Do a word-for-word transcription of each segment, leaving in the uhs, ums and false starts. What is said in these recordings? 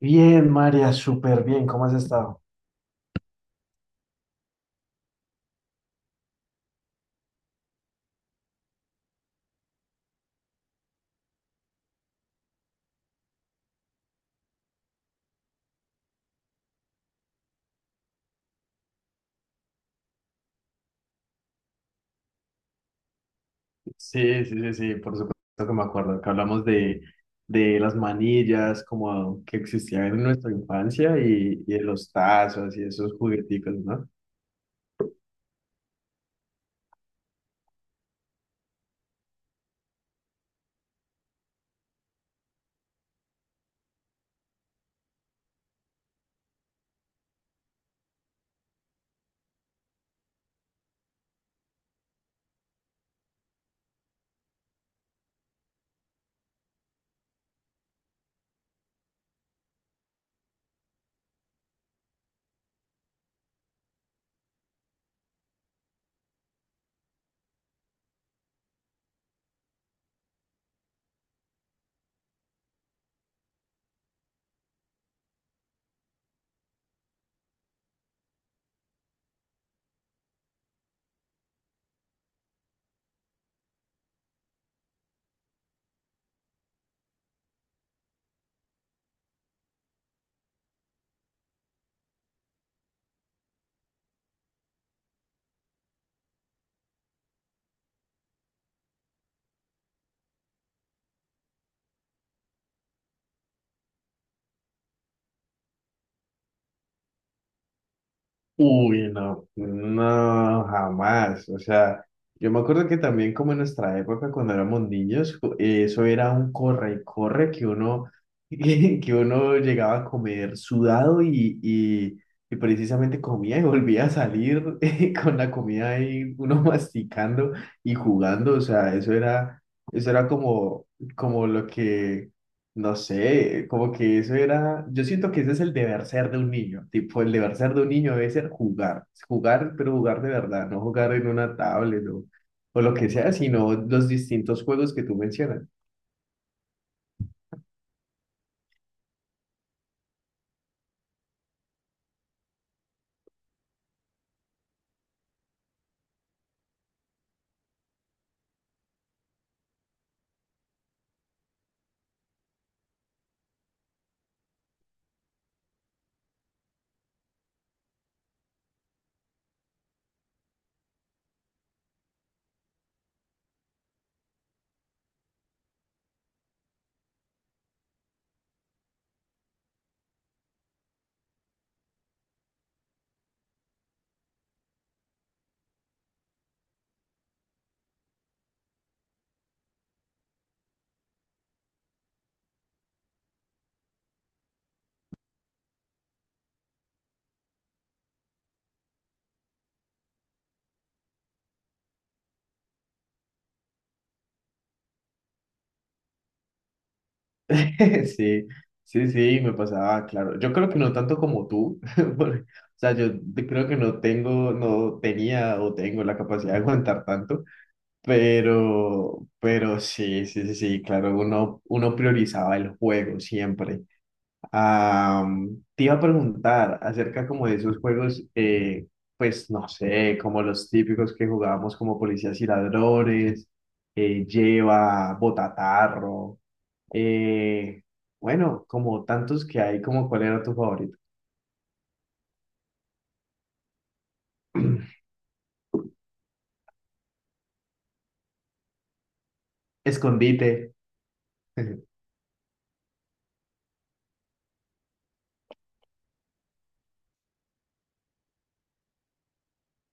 Bien, María, súper bien. ¿Cómo has estado? Sí, sí, sí, sí, por supuesto que me acuerdo, que hablamos de, de las manillas como que existían en nuestra infancia y, y de los tazos y esos jugueticos, ¿no? Uy, no, no, jamás. O sea, yo me acuerdo que también como en nuestra época, cuando éramos niños, co- eh, eso era un corre y corre que uno, que uno llegaba a comer sudado y, y, y precisamente comía y volvía a salir eh, con la comida ahí, uno masticando y jugando. O sea, eso era, eso era como, como lo que no sé, como que eso era, yo siento que ese es el deber ser de un niño, tipo el deber ser de un niño debe ser jugar, jugar, pero jugar de verdad, no jugar en una tablet o, o lo que sea, sino los distintos juegos que tú mencionas. Sí, sí, sí, me pasaba, claro, yo creo que no tanto como tú, porque, o sea, yo de- creo que no tengo, no tenía o tengo la capacidad de aguantar tanto, pero, pero sí, sí, sí, sí, claro, uno, uno priorizaba el juego siempre. Am, te iba a preguntar acerca como de esos juegos, eh, pues no sé, como los típicos que jugábamos como policías y ladrones, eh, lleva, botatarro, eh, bueno, como tantos que hay, como cuál era tu favorito. Escondite.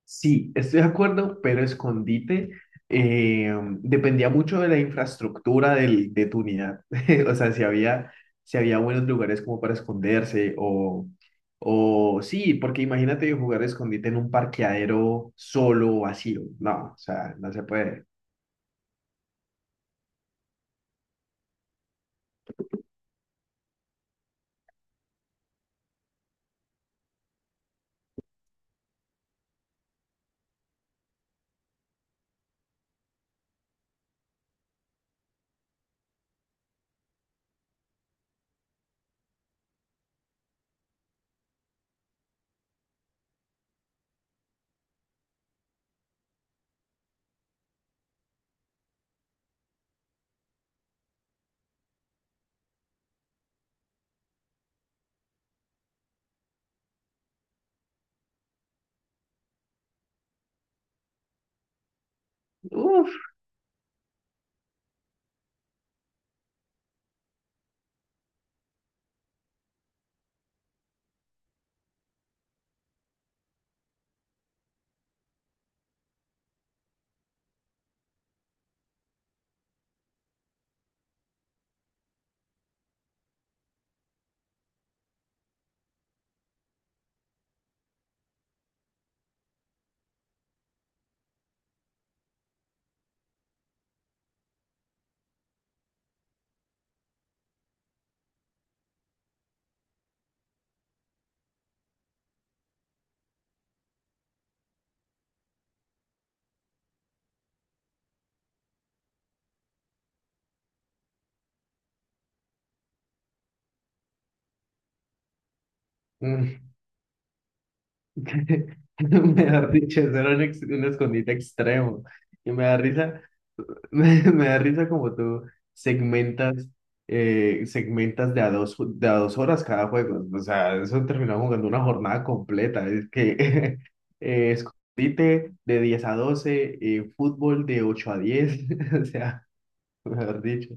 Sí, estoy de acuerdo, pero escondite eh, dependía mucho de la infraestructura del, de tu unidad. O sea, si había, si había buenos lugares como para esconderse o, o sí, porque imagínate jugar escondite en un parqueadero solo, o vacío. No, o sea, no se puede. Uf. Mm. me Mejor dicho, eso era un, ex- un escondite extremo. Y me da risa, me, me da risa como tú segmentas, eh, segmentas de a dos, ju- de a dos horas cada juego. O sea, eso terminaba jugando una jornada completa. Es que eh, escondite de diez a doce, eh, fútbol de ocho a diez. O sea, mejor dicho.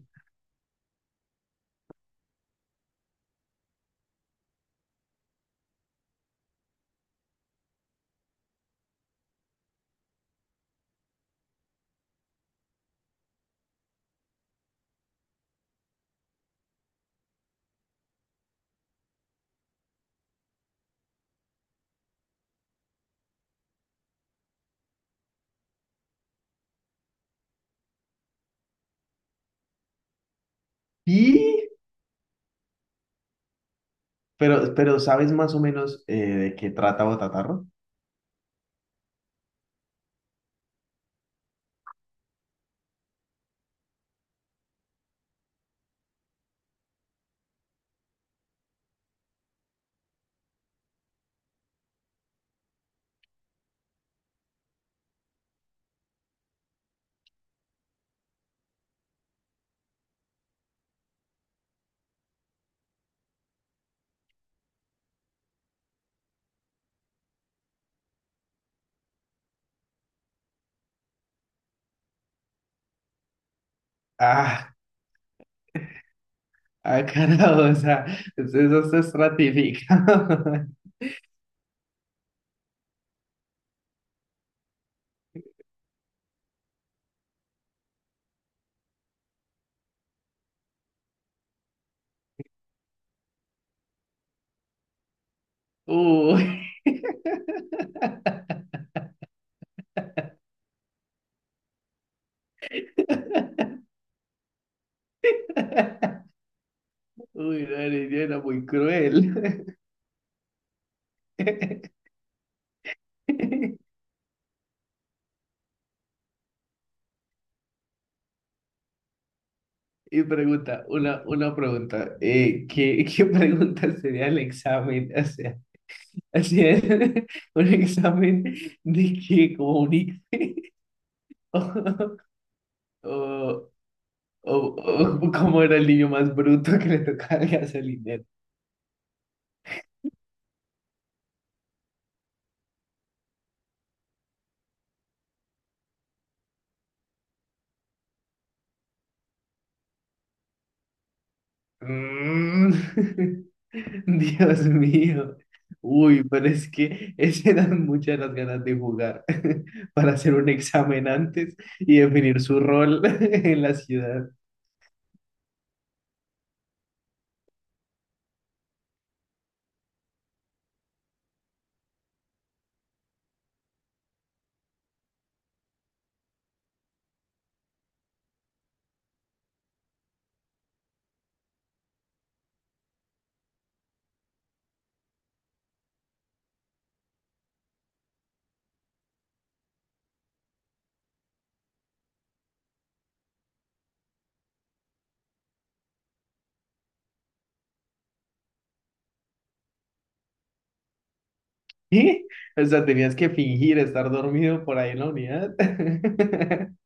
Y, pero, pero ¿sabes más o menos eh, de qué trata Botatarro? Ah, Ah, carajo, o sea, eso se estratifica. Uy. Uy, no, niña, era muy cruel. Y pregunta, una, una pregunta, eh, ¿qué, qué pregunta sería el examen? O sea, así es, un examen de que comunique, o, o, o, o como era el niño más bruto que le tocaba el gasolinero. Mm. Dios mío. Uy, pero es que ese dan muchas las ganas de jugar para hacer un examen antes y definir su rol en la ciudad. ¿Eh? O sea, tenías que fingir estar dormido por ahí en la unidad.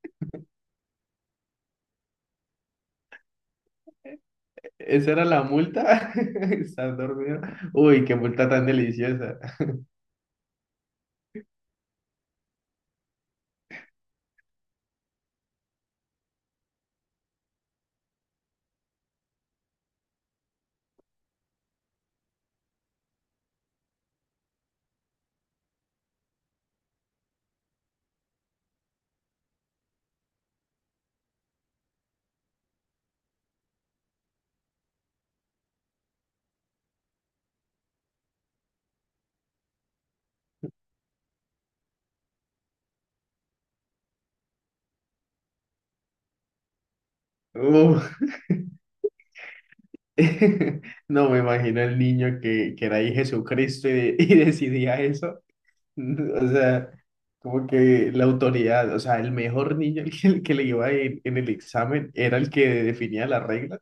¿Esa era la multa? Estar dormido. Uy, qué multa tan deliciosa. Uf. No me imagino el niño que, que era ahí Jesucristo y, de- y decidía eso. O sea, como que la autoridad, o sea, el mejor niño, el que, el que le iba en, en el examen, era el que definía la regla.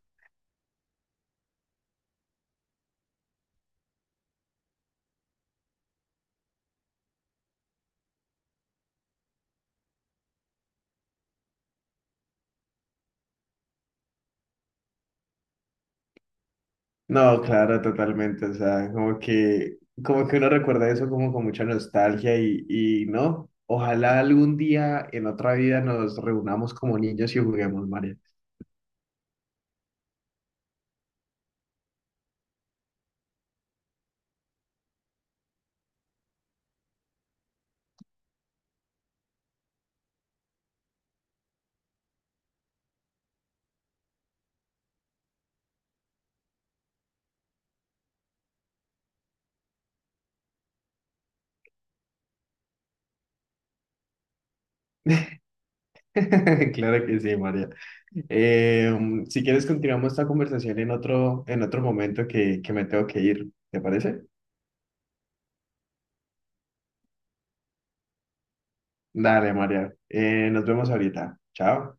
No, claro, totalmente. O sea, como que, como que uno recuerda eso como con mucha nostalgia y, y no. Ojalá algún día en otra vida nos reunamos como niños y juguemos, María. Claro que sí, María. Eh, si quieres, continuamos esta conversación en otro, en otro momento que, que me tengo que ir. ¿Te parece? Dale, María. Eh, nos vemos ahorita. Chao.